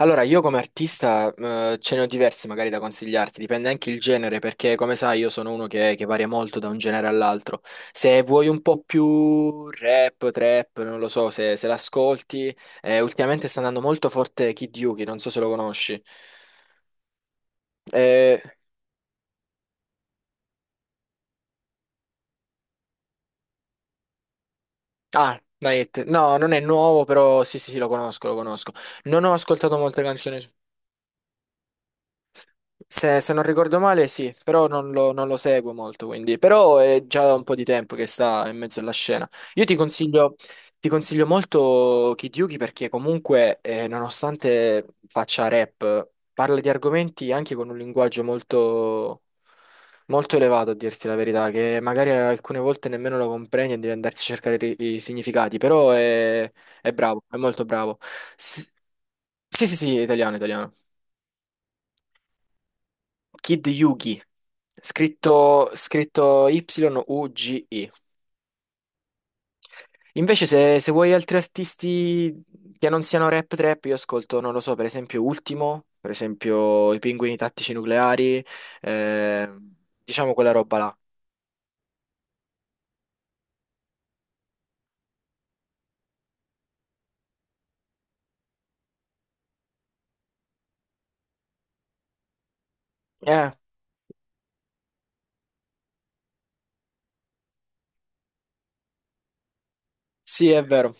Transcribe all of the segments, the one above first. Allora, io come artista, ce ne ho diversi magari da consigliarti, dipende anche il genere, perché come sai io sono uno che varia molto da un genere all'altro. Se vuoi un po' più rap, trap, non lo so, se l'ascolti, ultimamente sta andando molto forte Kid Yuki, non so se lo conosci. Eh, Night, no, non è nuovo, però sì, sì, sì, lo conosco, lo conosco. Non ho ascoltato molte canzoni. Se non ricordo male, sì, però non lo seguo molto, quindi. Però è già da un po' di tempo che sta in mezzo alla scena. Io ti consiglio, ti consiglio molto Kid Yuki perché comunque, nonostante faccia rap, parla di argomenti anche con un linguaggio molto elevato, a dirti la verità, che magari alcune volte nemmeno lo comprendi e devi andarti a cercare i significati, è bravo, è molto bravo. Sì, sì, sì, sì, italiano, italiano. Kid Yugi, scritto Y-U-G-I. Invece se vuoi altri artisti che non siano rap trap, io ascolto, non lo so, per esempio Ultimo, per esempio i Pinguini Tattici Nucleari, eh, diciamo quella roba là. Eh, sì, è vero.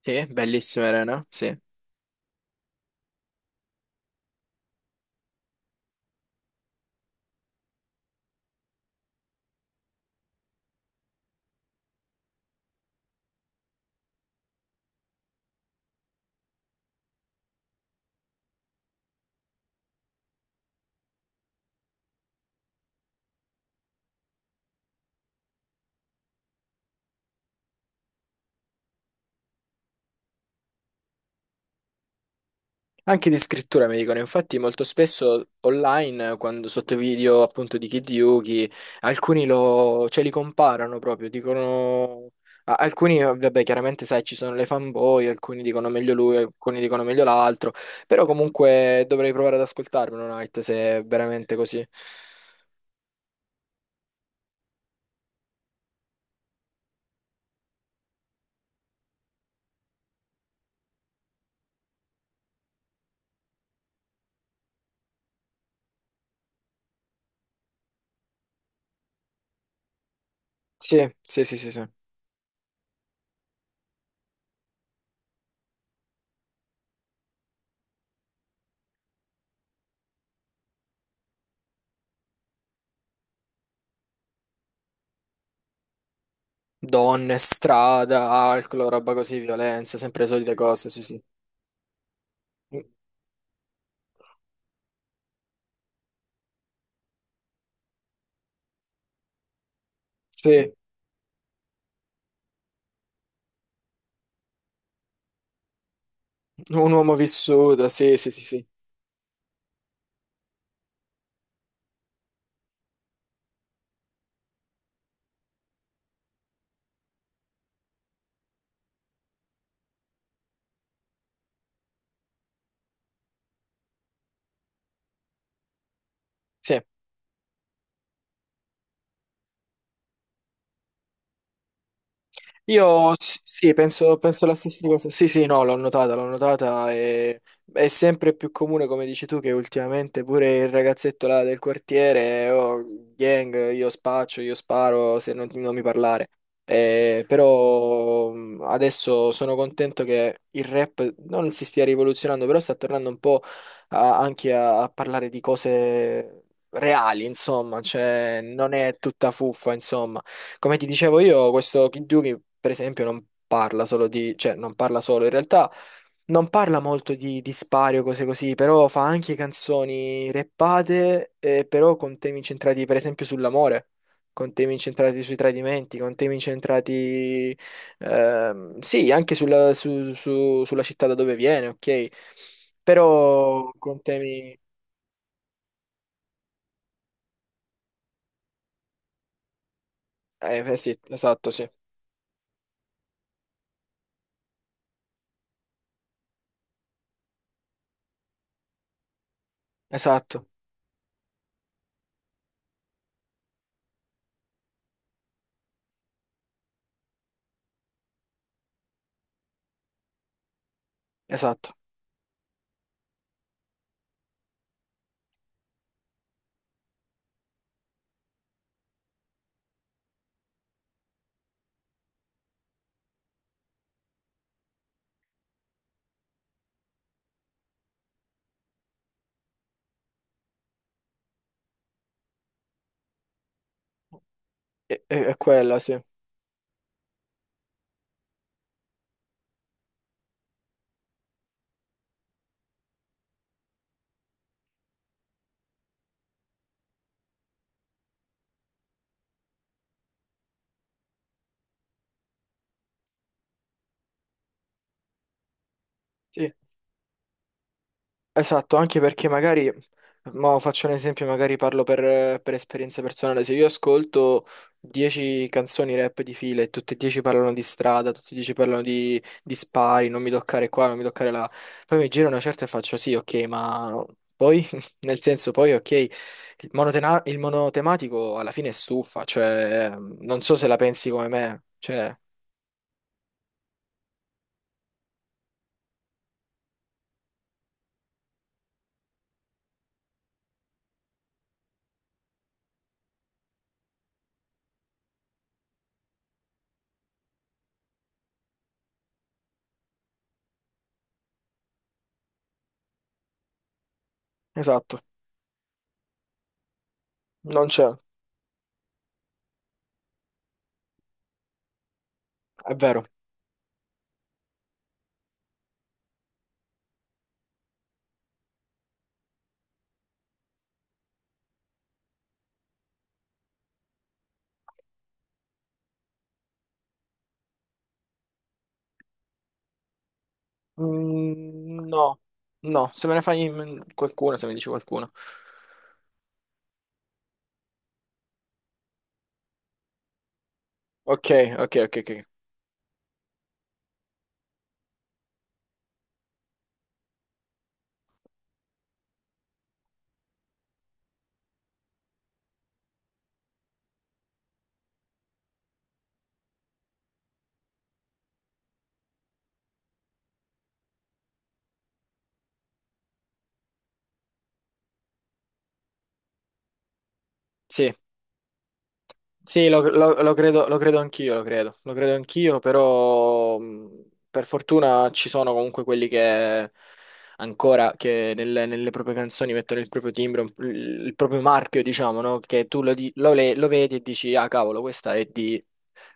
Sì, bellissima Elena, sì. Anche di scrittura mi dicono, infatti molto spesso online, quando sotto video appunto di Kid Yuki, alcuni cioè, li comparano proprio, dicono... Alcuni, vabbè, chiaramente sai, ci sono le fanboy, alcuni dicono meglio lui, alcuni dicono meglio l'altro, però comunque dovrei provare ad ascoltarmelo, Night, se è veramente così. Sì, sì, sì, sì, sì. Donne, strada, alcol, roba così, violenza, sempre le solite cose, sì, sì. Sì, un uomo vissuto, sì, sì, sì, sì. Sì. Sì, penso la stessa cosa. Sì, sì, no, l'ho notata e è sempre più comune, come dici tu, che ultimamente pure il ragazzetto là del quartiere, oh, gang, io spaccio, io sparo, se non, non mi parlare. Però adesso sono contento che il rap non si stia rivoluzionando, però sta tornando un po' a parlare di cose reali, insomma, cioè non è tutta fuffa, insomma. Come ti dicevo io, questo Kidduki, per esempio, non parla solo di, cioè non parla solo, in realtà non parla molto di spari o cose così, però fa anche canzoni rappate, però con temi incentrati per esempio sull'amore, con temi incentrati sui tradimenti, con temi incentrati, sì, anche sulla, sulla città da dove viene, ok? Però con temi... Eh sì, esatto, sì, esatto, esatto, è quella, sì. Sì. Esatto, anche perché magari, mo faccio un esempio, magari parlo per esperienza personale, se io ascolto 10 canzoni rap di fila e tutte e 10 parlano di strada, tutte e 10 parlano di spari, non mi toccare qua, non mi toccare là, poi mi giro una certa e faccio sì, ok, ma poi, nel senso, poi ok, il monotematico alla fine è stufa, cioè non so se la pensi come me, cioè, esatto, non c'è, è vero. Mm, no, no, se me ne fai in- qualcuno, se mi dici qualcuno. Ok, ok, ok, ok. Sì, sì, lo credo anch'io, però per fortuna ci sono comunque quelli che ancora, che nelle proprie canzoni mettono il proprio timbro, il proprio marchio, diciamo, no? Che tu lo, di- lo le- lo vedi e dici, ah cavolo, questa è di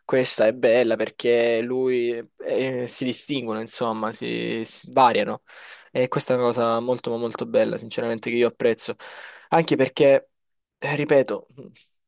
Questa è bella perché lui si distinguono, insomma, si variano. E questa è una cosa molto, ma molto bella, sinceramente, che io apprezzo. Anche perché, ripeto,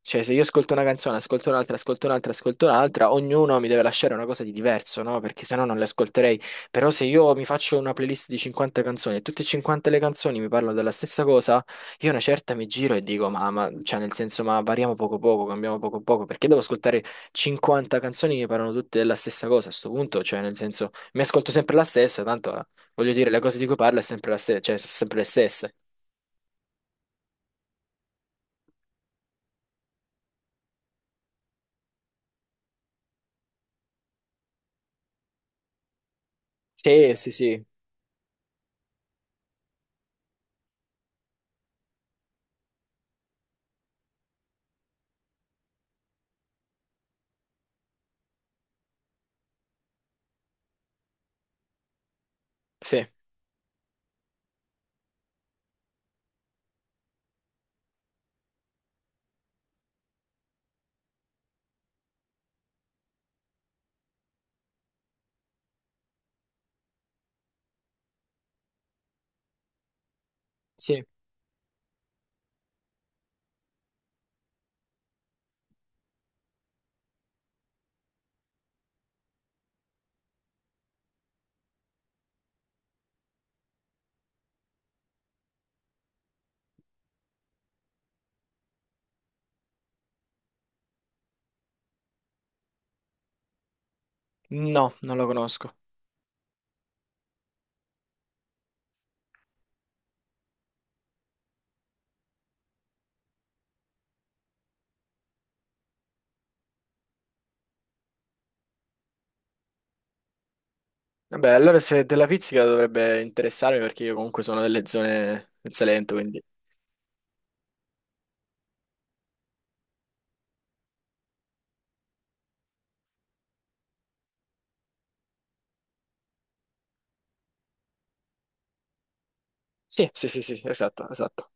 cioè, se io ascolto una canzone, ascolto un'altra, ascolto un'altra, ascolto un'altra, ognuno mi deve lasciare una cosa di diverso, no? Perché sennò non le ascolterei. Però se io mi faccio una playlist di 50 canzoni e tutte e 50 le canzoni mi parlano della stessa cosa, io una certa mi giro e dico, cioè, nel senso, ma variamo poco poco, cambiamo poco poco, perché devo ascoltare 50 canzoni che parlano tutte della stessa cosa a sto punto, cioè nel senso mi ascolto sempre la stessa, tanto voglio dire le cose di cui parla è sempre la stessa, cioè sono sempre le stesse. Sì, sì, sì, sì, sì. No, non lo conosco. Vabbè, allora se della pizzica dovrebbe interessarmi perché io comunque sono delle zone del Salento, quindi sì, sì, sì, sì, sì, esatto, esatto.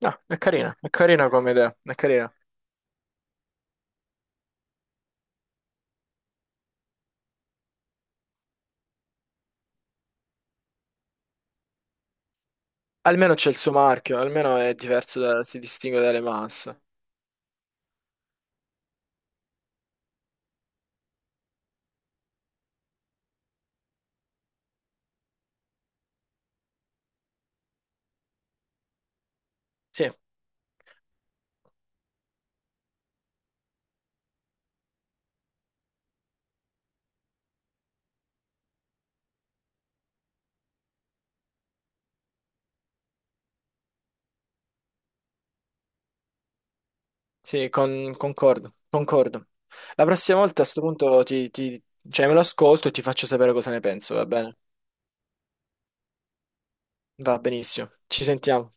No, è carina come idea, è carina. Almeno c'è il suo marchio, almeno è diverso da, si distingue dalle masse. Sì. Sì, concordo, concordo. La prossima volta a sto punto cioè me lo ascolto e ti faccio sapere cosa ne penso, va bene? Va benissimo. Ci sentiamo.